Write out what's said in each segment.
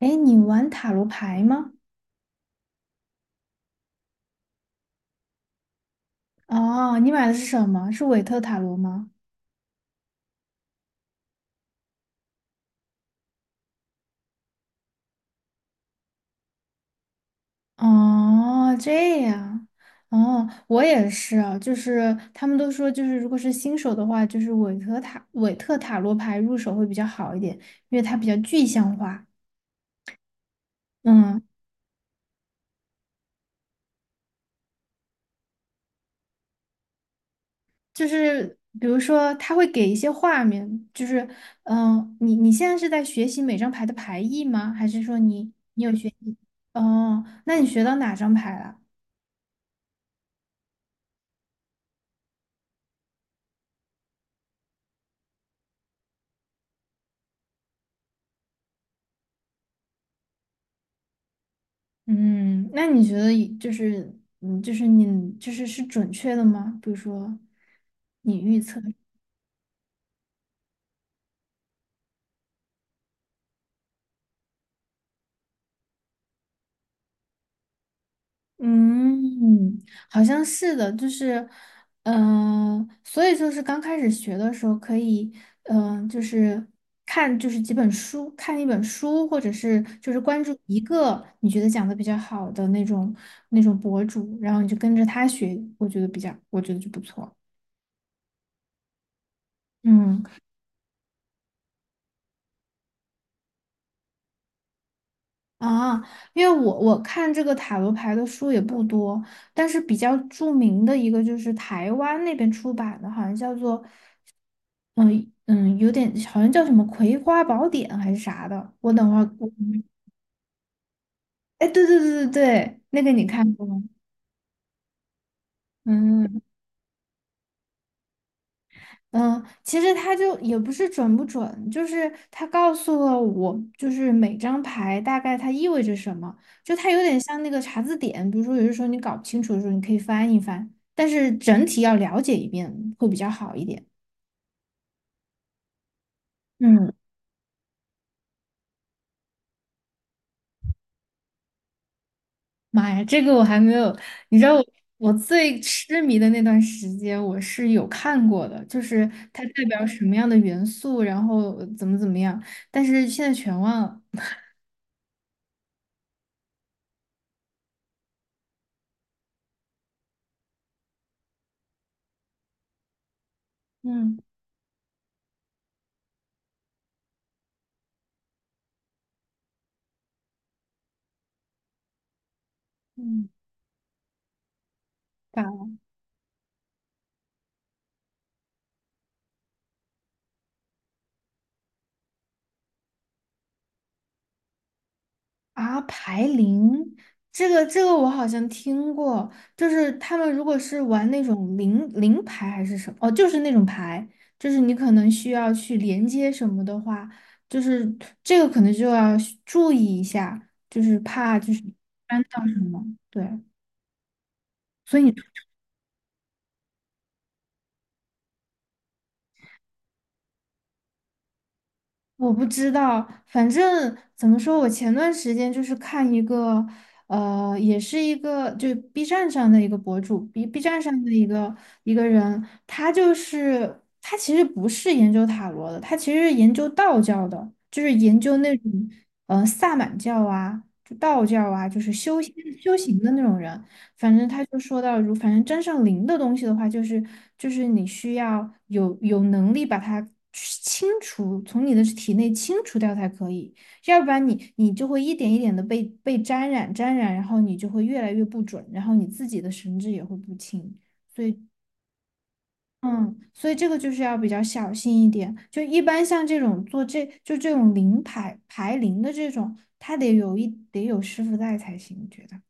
哎，你玩塔罗牌吗？哦，你买的是什么？是韦特塔罗吗？哦，这样。哦，我也是啊，就是他们都说，就是如果是新手的话，就是韦特塔罗牌入手会比较好一点，因为它比较具象化。嗯，就是比如说，它会给一些画面，你现在是在学习每张牌的牌意吗？还是说你。哦，那你学到哪张牌了？嗯，那你觉得以就是嗯，就是你是准确的吗？比如说你预测。嗯，好像是的，就是所以就是刚开始学的时候可以就是看就是几本书，看一本书，或者是就是关注一个你觉得讲的比较好的那种博主，然后你就跟着他学，我觉得就不错。嗯。啊，因为我看这个塔罗牌的书也不多，但是比较著名的一个就是台湾那边出版的，好像叫做嗯，有点好像叫什么《葵花宝典》还是啥的。我等会儿我。哎，对对对对对，那个你看过吗？嗯。嗯，其实他就也不是准不准，就是他告诉了我，就是每张牌大概它意味着什么，就它有点像那个查字典，比如说有的时候你搞不清楚的时候，你可以翻一翻，但是整体要了解一遍会比较好一点。嗯，妈呀，这个我还没有，你知道我最痴迷的那段时间，我是有看过的，就是它代表什么样的元素，然后怎么怎么样，但是现在全忘了。嗯嗯。啊，牌灵，这个我好像听过，就是他们如果是玩那种灵牌还是什么，哦，就是那种牌，就是你可能需要去连接什么的话，就是这个可能就要需注意一下，就是怕就是翻到什么，对。所以我不知道，反正怎么说，我前段时间就是看一个，也是一个就 B 站上的一个博主，B 站上的一个人，他就是他其实不是研究塔罗的，他其实是研究道教的，就是研究那种，萨满教啊，就道教啊，就是修仙修行的那种人。反正他就说到，反正沾上灵的东西的话，就是你需要有能力把它清除，从你的体内清除掉才可以，要不然你就会一点一点的被沾染沾染，然后你就会越来越不准，然后你自己的神智也会不清，所以。嗯，所以这个就是要比较小心一点。就一般像这种就这种牌灵的这种，他得有师傅在才行，觉得。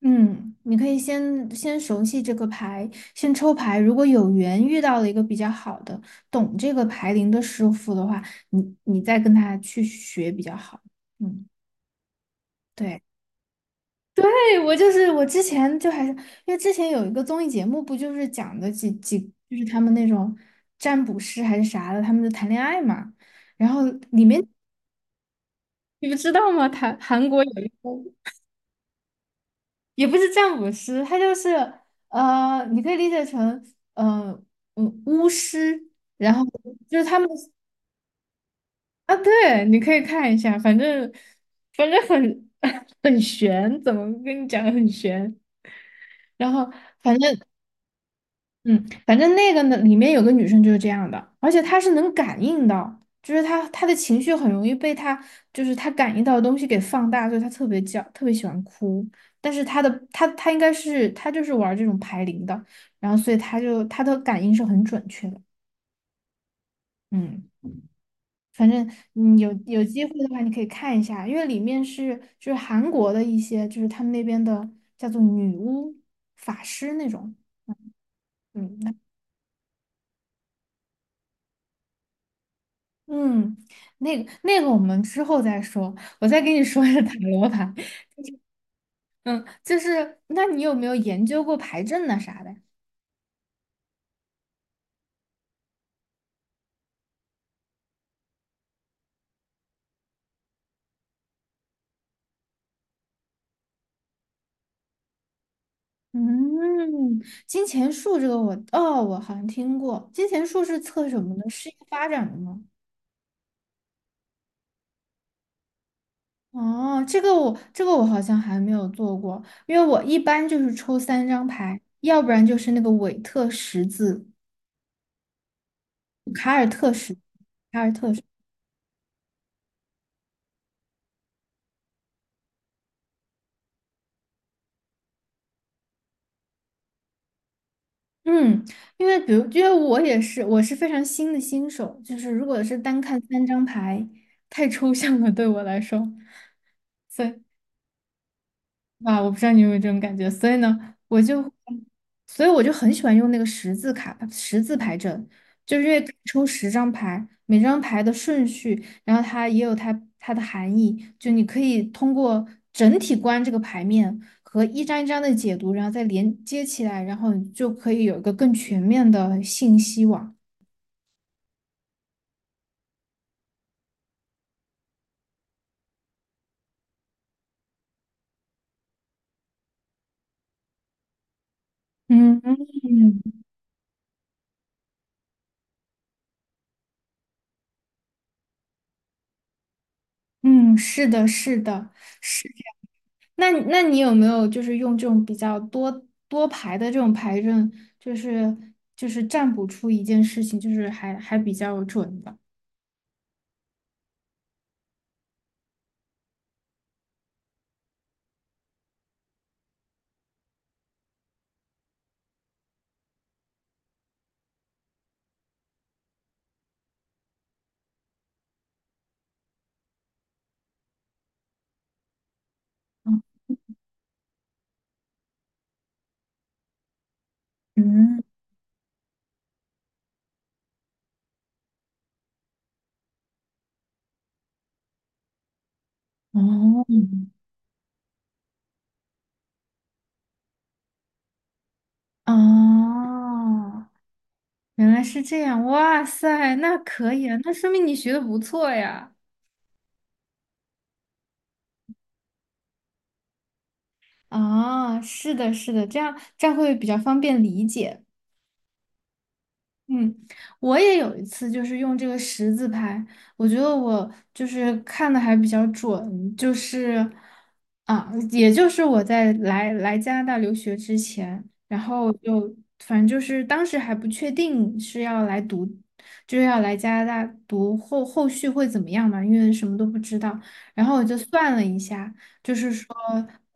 嗯，你可以先熟悉这个牌，先抽牌。如果有缘遇到了一个比较好的、懂这个牌灵的师傅的话，你再跟他去学比较好。嗯，对，对，我之前就还是因为之前有一个综艺节目，不就是讲的就是他们那种占卜师还是啥的，他们就谈恋爱嘛。然后里面你不知道吗？谈韩国有一个。也不是占卜师，他就是你可以理解成嗯巫师，然后就是他们。啊，对，你可以看一下，反正很 很玄，怎么跟你讲很玄，然后反正嗯，反正那个呢，里面有个女生就是这样的，而且她是能感应到，就是她的情绪很容易被她就是她感应到的东西给放大，所以她特别喜欢哭。但是她应该是她就是玩这种排灵的，然后所以她的感应是很准确的。嗯，反正有机会的话，你可以看一下，因为里面是就是韩国的一些就是他们那边的叫做女巫法师那种。嗯，嗯，那个，我们之后再说。我再跟你说一下塔罗牌。嗯，就是，那你有没有研究过牌阵呐啥的？嗯，金钱树这个我，哦，我好像听过。金钱树是测什么的？事业发展的吗？哦，这个我好像还没有做过，因为我一般就是抽三张牌，要不然就是那个韦特十字、卡尔特十字。嗯，因为我也是，我是非常新的新手，就是如果是单看三张牌，太抽象了对我来说，所以啊，我不知道你有没有这种感觉，所以呢，我就，所以我就很喜欢用那个十字牌阵，就是因为可以抽10张牌，每张牌的顺序，然后它也有它的含义，就你可以通过整体观这个牌面和一张一张的解读，然后再连接起来，然后你就可以有一个更全面的信息网。嗯嗯嗯，是的，是的。是。那你有没有就是用这种比较多排的这种排阵，就是就是占卜出一件事情，就是还比较准的？嗯嗯，哦哦，原来是这样，哇塞，那可以啊，那说明你学的不错呀。啊，是的，是的，这样会比较方便理解。嗯，我也有一次就是用这个十字牌，我觉得我就是看的还比较准，就是啊，也就是我在来加拿大留学之前，然后就反正就是当时还不确定是要来读，就是要来加拿大读后续会怎么样嘛，因为什么都不知道，然后我就算了一下。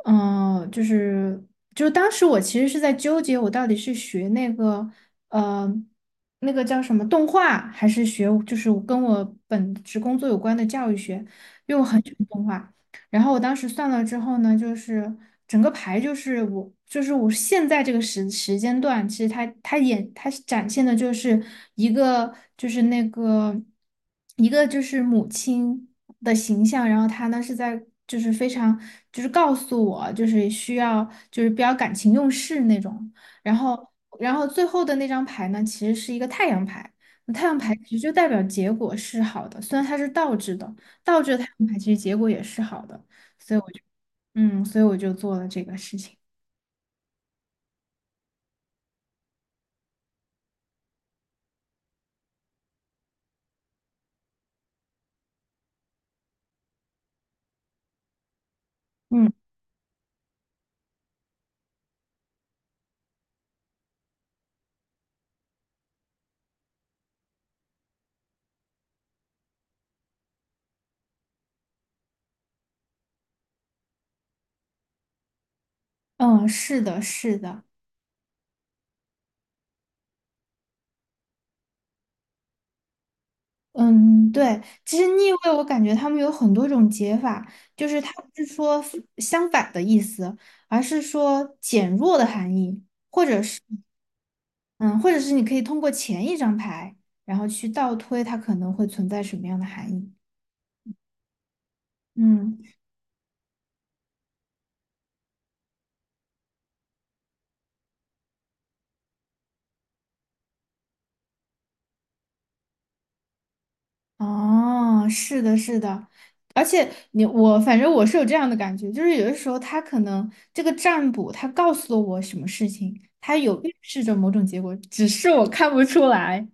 嗯，呃就是就是当时我其实是在纠结，我到底是学那个呃叫什么动画，还是学就是跟我本职工作有关的教育学，因为我很喜欢动画。然后我当时算了之后呢，就是整个牌就是我现在这个时间段，其实它是展现的就是一个就是母亲的形象，然后她呢是在就是非常就是告诉我就是需要就是比较感情用事那种，然后最后的那张牌呢其实是一个太阳牌。太阳牌其实就代表结果是好的，虽然它是倒置的，倒置的太阳牌其实结果也是好的。所以我就所以我就做了这个事情。嗯嗯，是的，是的，嗯，对。其实逆位，我感觉他们有很多种解法，就是它不是说相反的意思，而是说减弱的含义，或者是嗯，或者是你可以通过前一张牌，然后去倒推它可能会存在什么样的含义。嗯。哦，是的，是的，而且我反正是有这样的感觉，就是有的时候他可能这个占卜他告诉了我什么事情，他有预示着某种结果，只是我看不出来。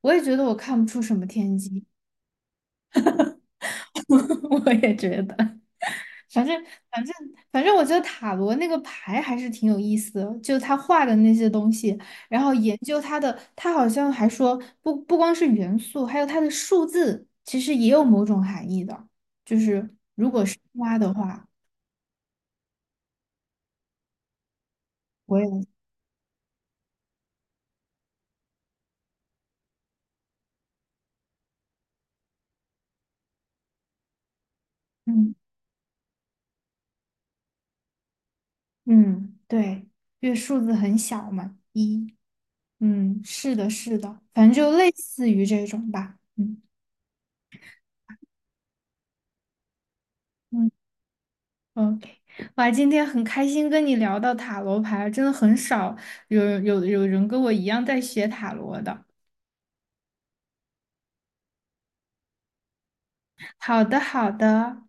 我也觉得我看不出什么天机，我也觉得。反正反正反正，我觉得塔罗那个牌还是挺有意思的，就他画的那些东西，然后研究它的，他好像还说不光是元素，还有它的数字，其实也有某种含义的。就是挖的话，我也。嗯嗯，对，因为数字很小嘛，一，嗯，是的，是的，反正就类似于这种吧，嗯。嗯。OK，哇，今天很开心跟你聊到塔罗牌，真的很少有人跟我一样在学塔罗的。好的，好的。